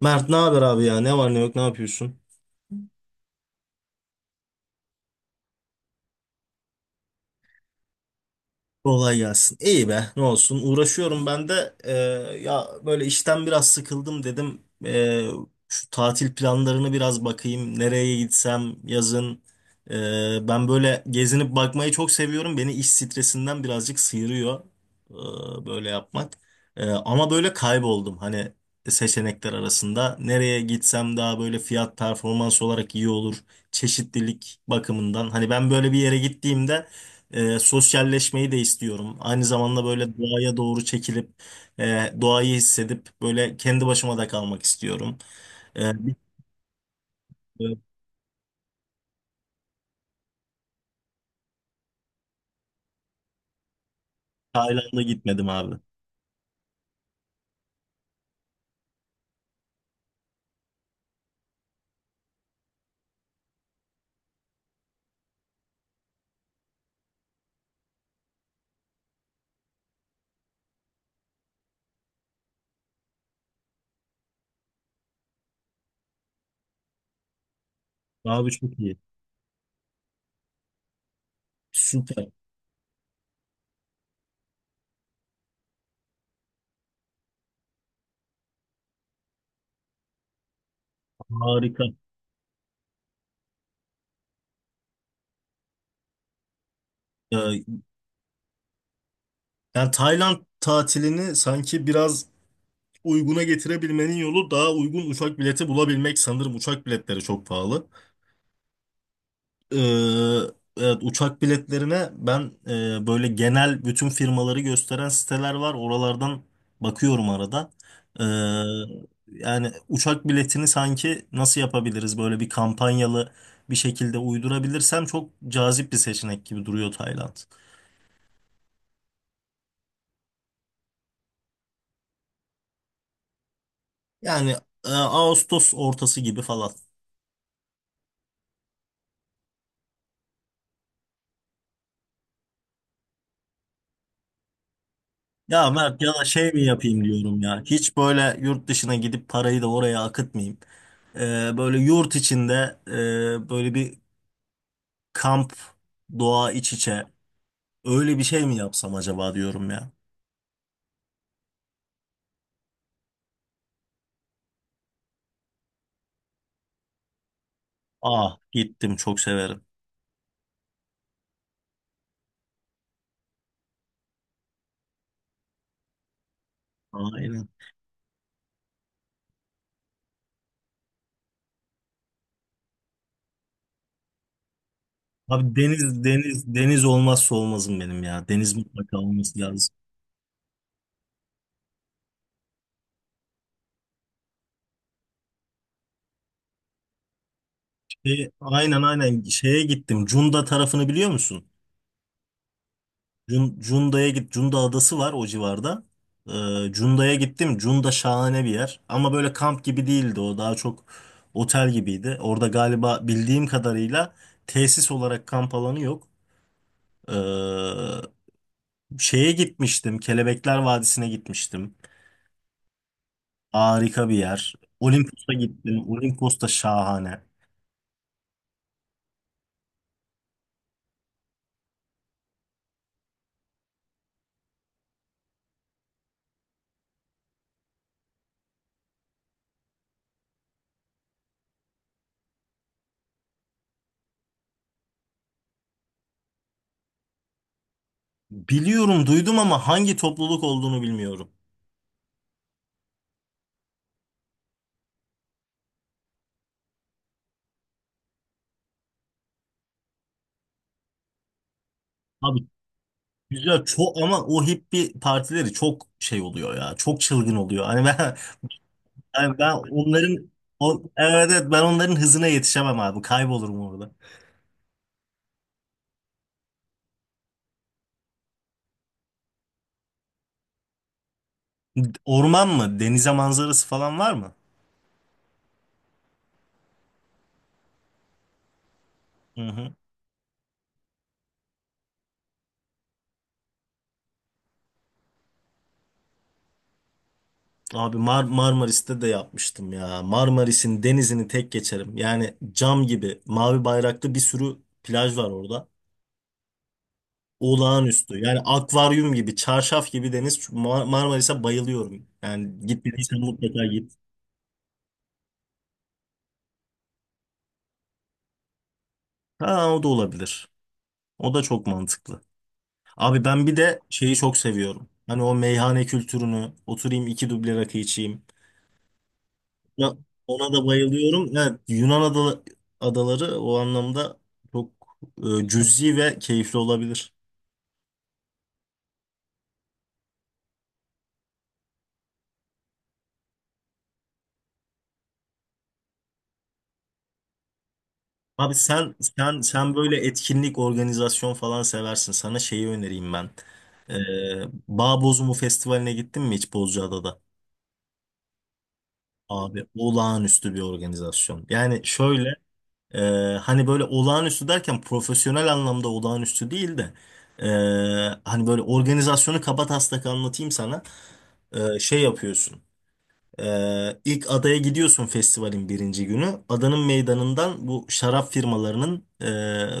Mert ne haber abi ya? Ne var ne yok ne yapıyorsun? Kolay gelsin. İyi be, ne olsun. Uğraşıyorum ben de. Ya böyle işten biraz sıkıldım dedim. Şu tatil planlarını biraz bakayım. Nereye gitsem yazın. Ben böyle gezinip bakmayı çok seviyorum. Beni iş stresinden birazcık sıyırıyor böyle yapmak. Ama böyle kayboldum. Hani seçenekler arasında. Nereye gitsem daha böyle fiyat performans olarak iyi olur. Çeşitlilik bakımından. Hani ben böyle bir yere gittiğimde sosyalleşmeyi de istiyorum. Aynı zamanda böyle doğaya doğru çekilip doğayı hissedip böyle kendi başıma da kalmak istiyorum. E, bir- e, Tayland'a gitmedim abi. Abi çok iyi. Süper. Harika. E, yani Tayland tatilini sanki biraz uyguna getirebilmenin yolu daha uygun uçak bileti bulabilmek. Sanırım uçak biletleri çok pahalı. Ee, evet, uçak biletlerine ben böyle genel bütün firmaları gösteren siteler var. Oralardan bakıyorum arada. Ee, yani uçak biletini sanki nasıl yapabiliriz böyle bir kampanyalı bir şekilde uydurabilirsem çok cazip bir seçenek gibi duruyor Tayland. Yani Ağustos ortası gibi falan. Ya Mert, ya da şey mi yapayım diyorum ya. Hiç böyle yurt dışına gidip parayı da oraya akıtmayayım. Böyle yurt içinde böyle bir kamp, doğa iç içe öyle bir şey mi yapsam acaba diyorum ya. Ah gittim, çok severim. Aynen. Abi deniz, deniz, deniz olmazsa olmazım benim ya. Deniz mutlaka olması lazım. Şey, aynen aynen, şeye gittim. Cunda tarafını biliyor musun? Cunda'ya git. Cunda adası var o civarda. Cunda'ya gittim. Cunda şahane bir yer. Ama böyle kamp gibi değildi o. Daha çok otel gibiydi. Orada galiba bildiğim kadarıyla tesis olarak kamp alanı yok. Ee, Şeye gitmiştim. Kelebekler Vadisi'ne gitmiştim. Harika bir yer. Olimpos'a gittim. Olimpos da şahane. Biliyorum, duydum ama hangi topluluk olduğunu bilmiyorum. Abi güzel çok ama o hippie partileri çok şey oluyor ya. Çok çılgın oluyor. Hani ben yani ben onların evet, evet, ben onların hızına yetişemem abi. Kaybolurum orada. Orman mı? Denize manzarası falan var mı? Hı hı. Abi Marmaris'te de yapmıştım ya. Marmaris'in denizini tek geçerim. Yani cam gibi mavi bayraklı bir sürü plaj var orada. Olağanüstü. Yani akvaryum gibi, çarşaf gibi deniz. Çünkü Marmaris'e bayılıyorum. Yani gitmediysen mutlaka git. Ha, o da olabilir. O da çok mantıklı. Abi ben bir de şeyi çok seviyorum. Hani o meyhane kültürünü, oturayım 2 duble rakı içeyim. Ya, ona da bayılıyorum. Evet, Yunan adaları o anlamda çok cüzi ve keyifli olabilir. Abi sen böyle etkinlik, organizasyon falan seversin. Sana şeyi önereyim ben. Ee, Bağ Festivali'ne gittin mi hiç Bozcaada'da? Abi olağanüstü bir organizasyon. Yani şöyle e, hani böyle olağanüstü derken profesyonel anlamda olağanüstü değil de e, hani böyle organizasyonu kabataslak anlatayım sana. Şey yapıyorsun. İlk adaya gidiyorsun festivalin birinci günü. Adanın meydanından bu şarap firmalarının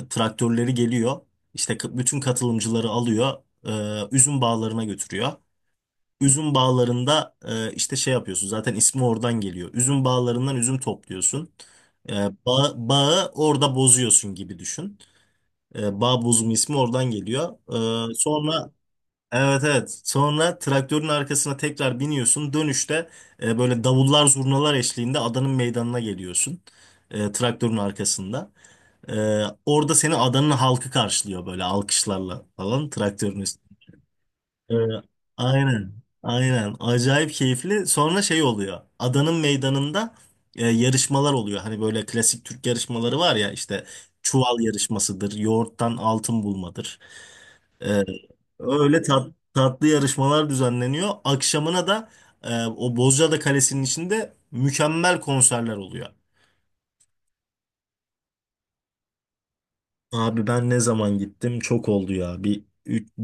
traktörleri geliyor. İşte bütün katılımcıları alıyor, üzüm bağlarına götürüyor. Üzüm bağlarında işte şey yapıyorsun. Zaten ismi oradan geliyor. Üzüm bağlarından üzüm topluyorsun. E, bağı orada bozuyorsun gibi düşün. Bağ bozumu ismi oradan geliyor. Sonra, evet, evet. Sonra traktörün arkasına tekrar biniyorsun. Dönüşte böyle davullar, zurnalar eşliğinde adanın meydanına geliyorsun. Traktörün arkasında. Orada seni adanın halkı karşılıyor, böyle alkışlarla falan, traktörün üstü. E, aynen. Aynen. Acayip keyifli. Sonra şey oluyor. Adanın meydanında yarışmalar oluyor. Hani böyle klasik Türk yarışmaları var ya, işte çuval yarışmasıdır, yoğurttan altın bulmadır. Ee, öyle tatlı yarışmalar düzenleniyor. Akşamına da o Bozcaada Kalesi'nin içinde mükemmel konserler oluyor. Abi ben ne zaman gittim? Çok oldu ya. Bir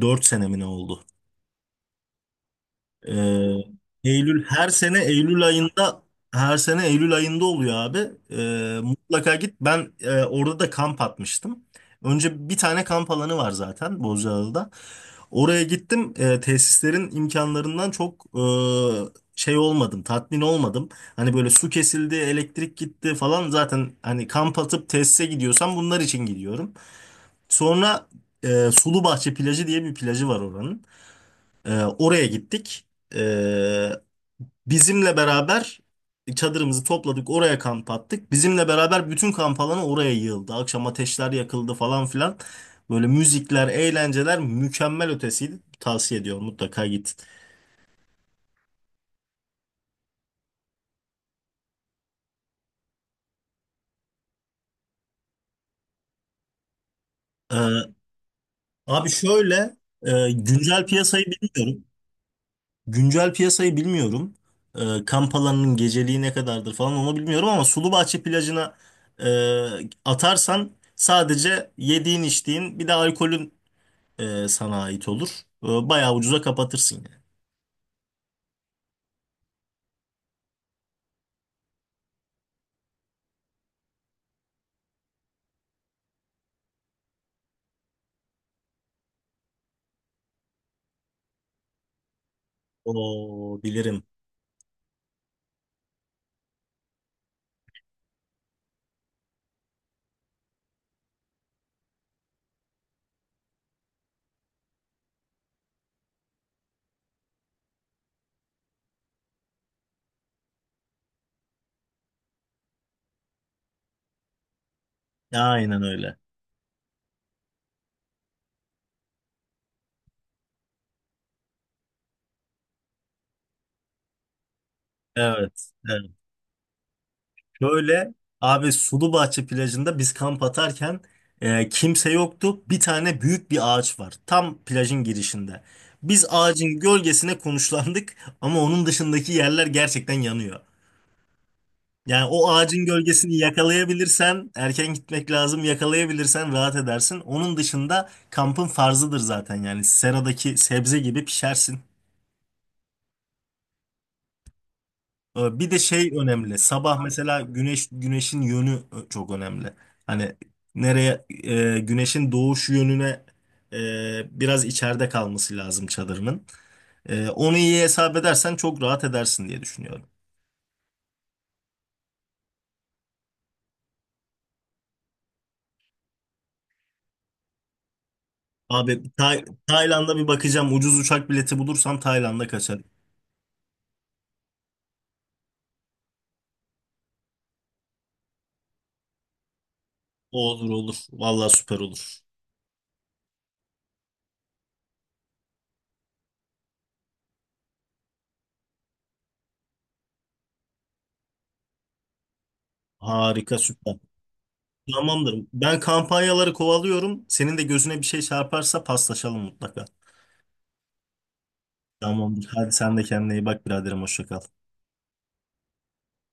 4 sene mi ne oldu? Ee, Eylül Her sene Eylül ayında oluyor abi. Mutlaka git. Ben orada da kamp atmıştım. Önce bir tane kamp alanı var zaten Bozcaada'da. Oraya gittim. Tesislerin imkanlarından çok şey olmadım, tatmin olmadım. Hani böyle su kesildi, elektrik gitti falan. Zaten hani kamp atıp tesise gidiyorsam bunlar için gidiyorum. Sonra Sulubahçe plajı diye bir plajı var oranın. Oraya gittik. E, Bizimle beraber çadırımızı topladık, oraya kamp attık. Bizimle beraber bütün kamp alanı oraya yığıldı. Akşam ateşler yakıldı falan filan. Böyle müzikler, eğlenceler mükemmel ötesiydi. Tavsiye ediyorum, mutlaka git. Ee, abi şöyle, güncel piyasayı bilmiyorum. Güncel piyasayı bilmiyorum. Kamp alanının geceliği ne kadardır falan onu bilmiyorum ama Sulubahçe plajına e, atarsan sadece yediğin, içtiğin, bir de alkolün sana ait olur. Bayağı ucuza kapatırsın yani. Oo, bilirim. Aynen öyle. Evet, evet. Şöyle abi, Sulubahçe plajında biz kamp atarken kimse yoktu. Bir tane büyük bir ağaç var. Tam plajın girişinde. Biz ağacın gölgesine konuşlandık ama onun dışındaki yerler gerçekten yanıyor. Yani o ağacın gölgesini yakalayabilirsen, erken gitmek lazım. Yakalayabilirsen rahat edersin. Onun dışında kampın farzıdır zaten, yani seradaki sebze gibi pişersin. Bir de şey önemli. Sabah mesela güneşin yönü çok önemli. Hani nereye güneşin doğuş yönüne biraz içeride kalması lazım çadırının. Onu iyi hesap edersen çok rahat edersin diye düşünüyorum. Abi Tayland'a bir bakacağım. Ucuz uçak bileti bulursam Tayland'a kaçarım. Olur olur. Vallahi süper olur. Harika, süper. Tamamdır. Ben kampanyaları kovalıyorum. Senin de gözüne bir şey çarparsa paslaşalım mutlaka. Tamamdır. Hadi sen de kendine iyi bak biraderim. Hoşça kal.